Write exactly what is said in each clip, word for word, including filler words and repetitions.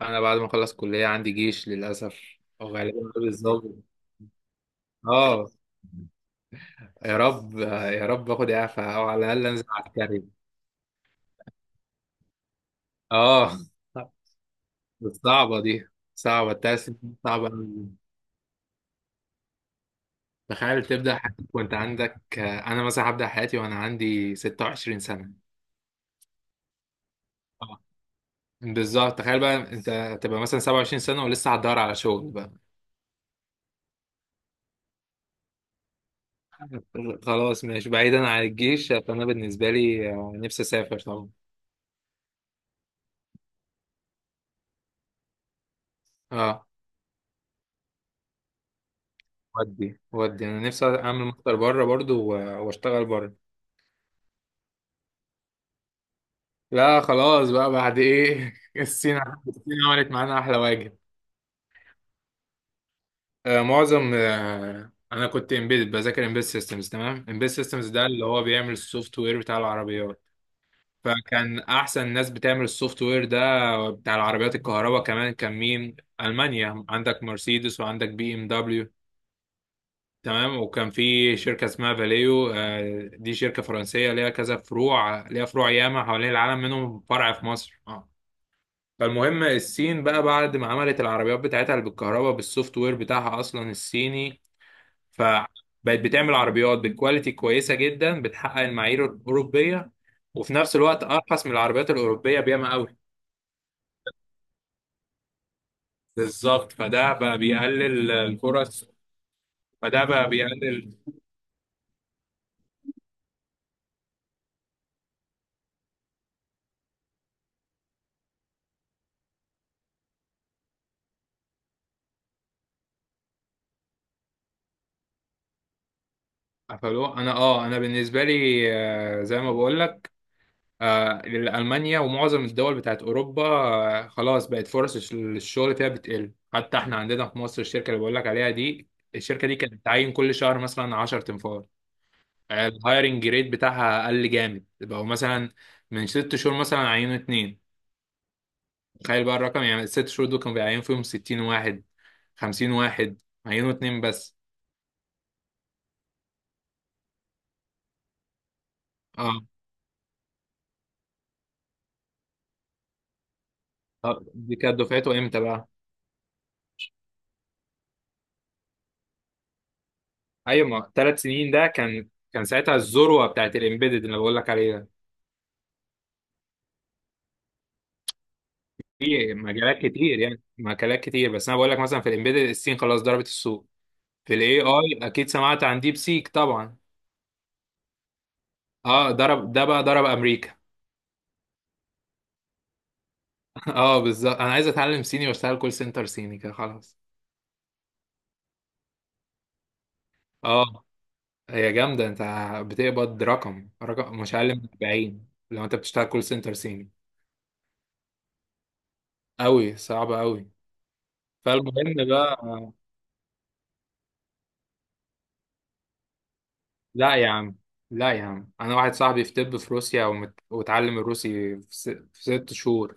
انا بعد ما اخلص كلية عندي جيش للاسف. وغالبا دول الظابط. اه. يا رب يا رب اخد اعفاء او على الاقل انزل عسكري. اه. بس صعبة دي، صعبة التأسف، صعبة أوي. تخيل تبدأ حياتك وأنت عندك، أنا مثلا هبدأ حياتي وأنا عندي ستة وعشرين سنة. آه. بالظبط، تخيل بقى أنت تبقى مثلا سبعة وعشرين سنة ولسه هتدور على شغل بقى. خلاص ماشي، بعيدا عن الجيش فأنا بالنسبة لي، آه، نفسي أسافر طبعا. اه. ودي ودي انا نفسي اعمل ماستر بره برضو و- واشتغل بره. لا، خلاص بقى بعد ايه، الصين. الصين عملت معانا احلى واجب. آه معظم آه انا كنت امبيد، بذاكر امبيد سيستمز، تمام. امبيد سيستمز ده اللي هو بيعمل السوفت وير بتاع العربيات. فكان احسن ناس بتعمل السوفت وير ده بتاع العربيات، الكهرباء كمان كان مين؟ المانيا، عندك مرسيدس وعندك بي ام دبليو. تمام، وكان في شركة اسمها فاليو، آه، دي شركة فرنسية، ليها كذا فروع، ليها فروع ياما حوالين العالم، منهم فرع في مصر. اه. فالمهم الصين بقى بعد ما عملت العربيات بتاعتها اللي بالكهرباء، بالسوفت وير بتاعها أصلا الصيني. فبقت بتعمل عربيات بالكواليتي كويسة جدا، بتحقق المعايير الأوروبية. وفي نفس الوقت أرخص من العربيات الأوروبية بياما قوي. بالظبط، فده بقى بيقلل الفرص. فده بقى بيقلل. قفلوه. انا اه انا بالنسبه لي، آه، زي ما بقول لك، آه، لألمانيا ومعظم الدول بتاعت أوروبا، آه، خلاص بقت فرص الشغل فيها بتقل، حتى احنا عندنا في مصر الشركة اللي بقول لك عليها دي. الشركة دي كانت بتعين كل شهر مثلا عشر تنفار. الهايرنج ريت بتاعها قل جامد. بقوا مثلا من ست شهور مثلا عينوا اتنين. تخيل بقى الرقم، يعني الست شهور دول كانوا بيعينوا فيهم ستين واحد، خمسين واحد، عينوا اتنين بس. اه. آه، دي كانت دفعته امتى بقى؟ ايوه، ما ثلاث سنين، ده كان كان ساعتها الذروة بتاعت الامبيدد اللي بقول لك عليها. في مجالات كتير، يعني مجالات كتير، بس انا بقول لك مثلا في الامبيدد، الصين خلاص ضربت السوق. في الاي اي اكيد سمعت عن ديب سيك طبعا. اه، ضرب ده بقى، ضرب امريكا. اه، بالظبط، انا عايز اتعلم صيني واشتغل كول سنتر صيني كده، خلاص. اه، هي جامده. انت بتقبض رقم رقم مش اقل من أربعين لو انت بتشتغل كول سنتر صيني. قوي، صعبه قوي. فالمهم بقى. لا يا عم، لا يا عم، انا واحد صاحبي في طب في روسيا ومت... واتعلم الروسي في, س... في ست شهور.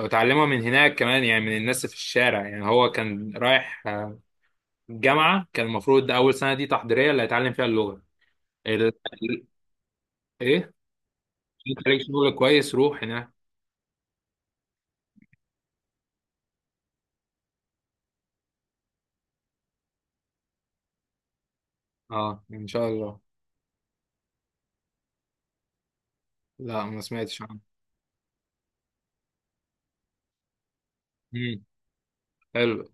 وتعلمها من هناك كمان، يعني من الناس في الشارع، يعني هو كان رايح آه، جامعة، كان المفروض أول سنة دي تحضيرية اللي هيتعلم فيها اللغة. ال- إيه؟ عشان تلاقي شغل كويس روح هناك. أه، إن شاء الله. لا، ما سمعتش عنه. امم. حلو.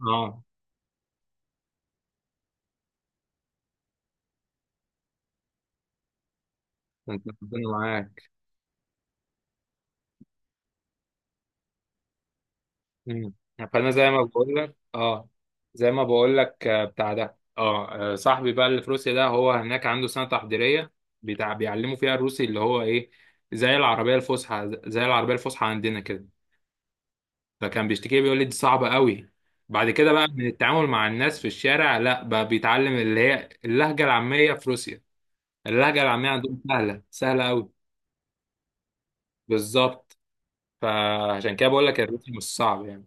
أه. أنت ربنا معاك. امم. فأنا زي ما بقول لك، أه زي ما بقول لك آه، بتاع ده، أه آه، صاحبي بقى اللي في روسيا ده، هو هناك عنده سنة تحضيرية، بتاع بيعلموا فيها الروسي اللي هو إيه، زي العربية الفصحى، زي العربية الفصحى عندنا كده. فكان بيشتكي لي بيقول لي دي صعبة قوي. بعد كده بقى من التعامل مع الناس في الشارع، لا بقى بيتعلم اللي هي اللهجة العامية في روسيا. اللهجة العامية عندهم سهلة، سهلة قوي. بالظبط، فعشان كده بقول لك الروسي مش صعب يعني.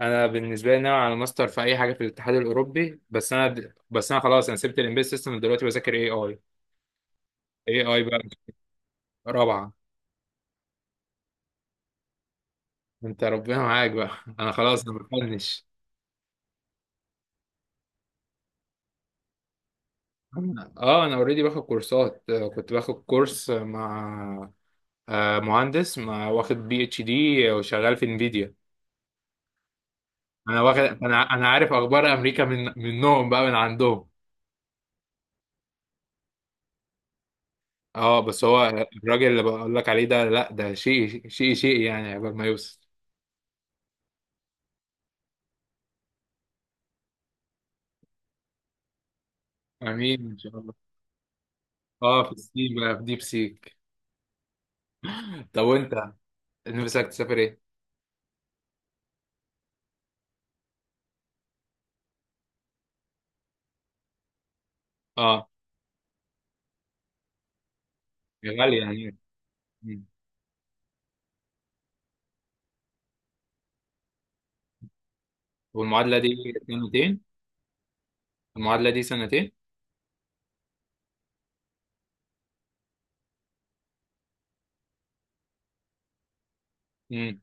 انا بالنسبة لي ناوي على ماستر في اي حاجة في الاتحاد الاوروبي، بس انا بس انا خلاص انا سبت الامبيد سيستم دلوقتي بذاكر اي اي. اي اي بقى، رابعة. انت ربنا معاك بقى، انا خلاص انا بفنش. اه. انا اوريدي باخد كورسات، آه، كنت باخد كورس مع، آه، مهندس ما واخد بي اتش دي وشغال في انفيديا. انا واخد، انا انا عارف اخبار امريكا من منهم بقى، من عندهم. اه بس هو، الراجل اللي بقول لك عليه ده، لا ده شيء شيء شيء يعني، عقبال ما يوصل. امين، ان شاء الله. اه، في الصين بقى، في ديب سيك. طب وانت، نفسك تسافر ايه؟ اه، يا غالي يعني. مم. والمعادله دي سنتين. المعادله دي سنتين. امم.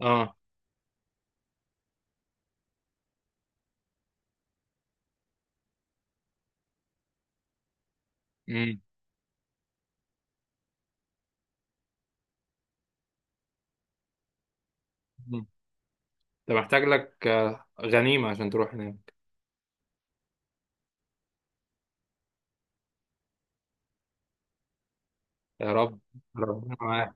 اه. امم. انت محتاج لك، آه، غنيمه عشان تروح هناك. يا رب، ربنا معاك.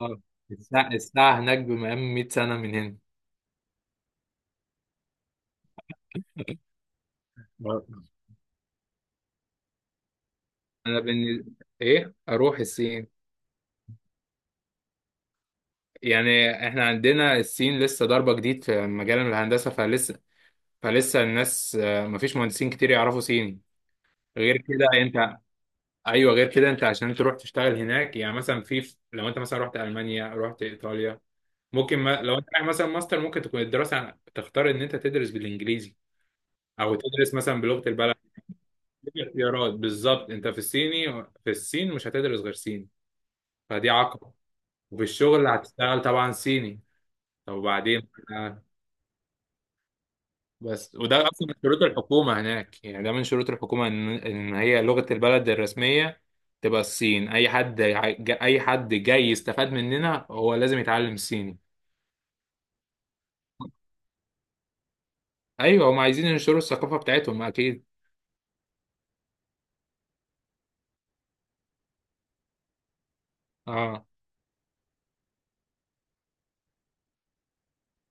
اه، الساعة الساعة هناك بمقام مية سنة من هنا. آه. أنا بن... إيه، أروح الصين. يعني إحنا عندنا الصين لسه ضربة جديد في مجال الهندسة، فلسه فلسه الناس، آه، مفيش مهندسين كتير يعرفوا صيني. غير كده أنت. أيوه، غير كده أنت، عشان تروح تشتغل هناك يعني، مثلا في لو أنت مثلا رحت ألمانيا رحت إيطاليا، ممكن ما... لو أنت رايح مثلا ماستر ممكن تكون الدراسة، تختار إن أنت تدرس بالإنجليزي أو تدرس مثلا بلغة البلد. اختيارات، بالظبط انت في الصيني في الصين مش هتدرس غير صيني. فدي عقبة. وفي الشغل هتشتغل طبعا صيني. طب وبعدين، آه، بس وده اصلا من شروط الحكومة هناك يعني، ده من شروط الحكومة ان ان هي لغة البلد الرسمية. تبقى الصين، اي حد ع- ج- اي حد جاي يستفاد مننا هو لازم يتعلم صيني. ايوه، هم عايزين ينشروا الثقافة بتاعتهم اكيد. اه،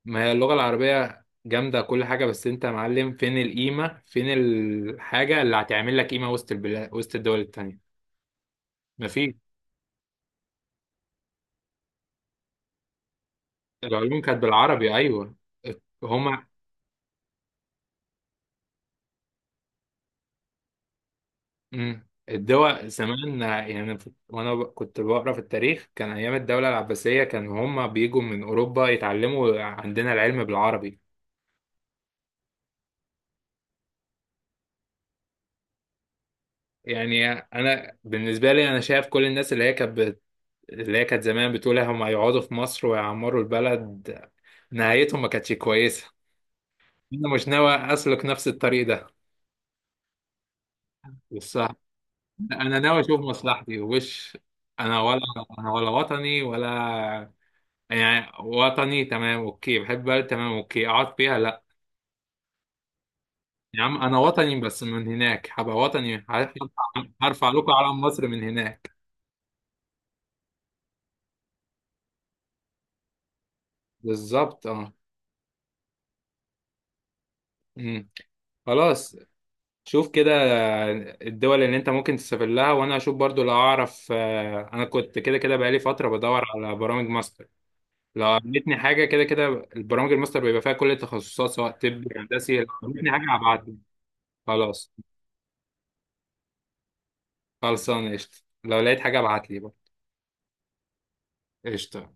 ما هي اللغة العربية جامدة كل حاجة، بس انت يا معلم فين القيمة، فين الحاجة اللي هتعمل لك قيمة وسط البلاد وسط الدول التانية. مفيش. العلوم كانت بالعربي، ايوه. هما. مم. الدول زمان يعني، وانا ب- كنت بقرا في التاريخ، كان ايام الدولة العباسية كان هما بيجوا من اوروبا يتعلموا عندنا العلم بالعربي. يعني انا بالنسبة لي، انا شايف كل الناس اللي هي كانت بت- اللي هي كانت زمان بتقول هما يقعدوا في مصر ويعمروا البلد، نهايتهم ما كانتش كويسة. انا مش ناوي اسلك نفس الطريق ده. الصراحه، انا ناوي اشوف مصلحتي وش. انا ولا، انا ولا وطني ولا، يعني وطني تمام اوكي، بحب بلد تمام اوكي اقعد فيها، لا يا عم. انا وطني بس من هناك، هبقى وطني، هرفع هرفع لكم علم مصر من هناك. بالظبط، اه. أمم. خلاص، شوف كده، الدول اللي انت ممكن تسافر لها وانا اشوف برضو لو اعرف، آه، انا كنت كده كده بقالي فترة بدور على برامج ماستر. لو عملتني حاجة كده كده، البرامج الماستر بيبقى فيها كل التخصصات سواء طبي هندسي، لو عملتني حاجة هبعتلي. خلاص، خلصان قشطة. لو لقيت حاجة ابعتلي بقى، قشطة.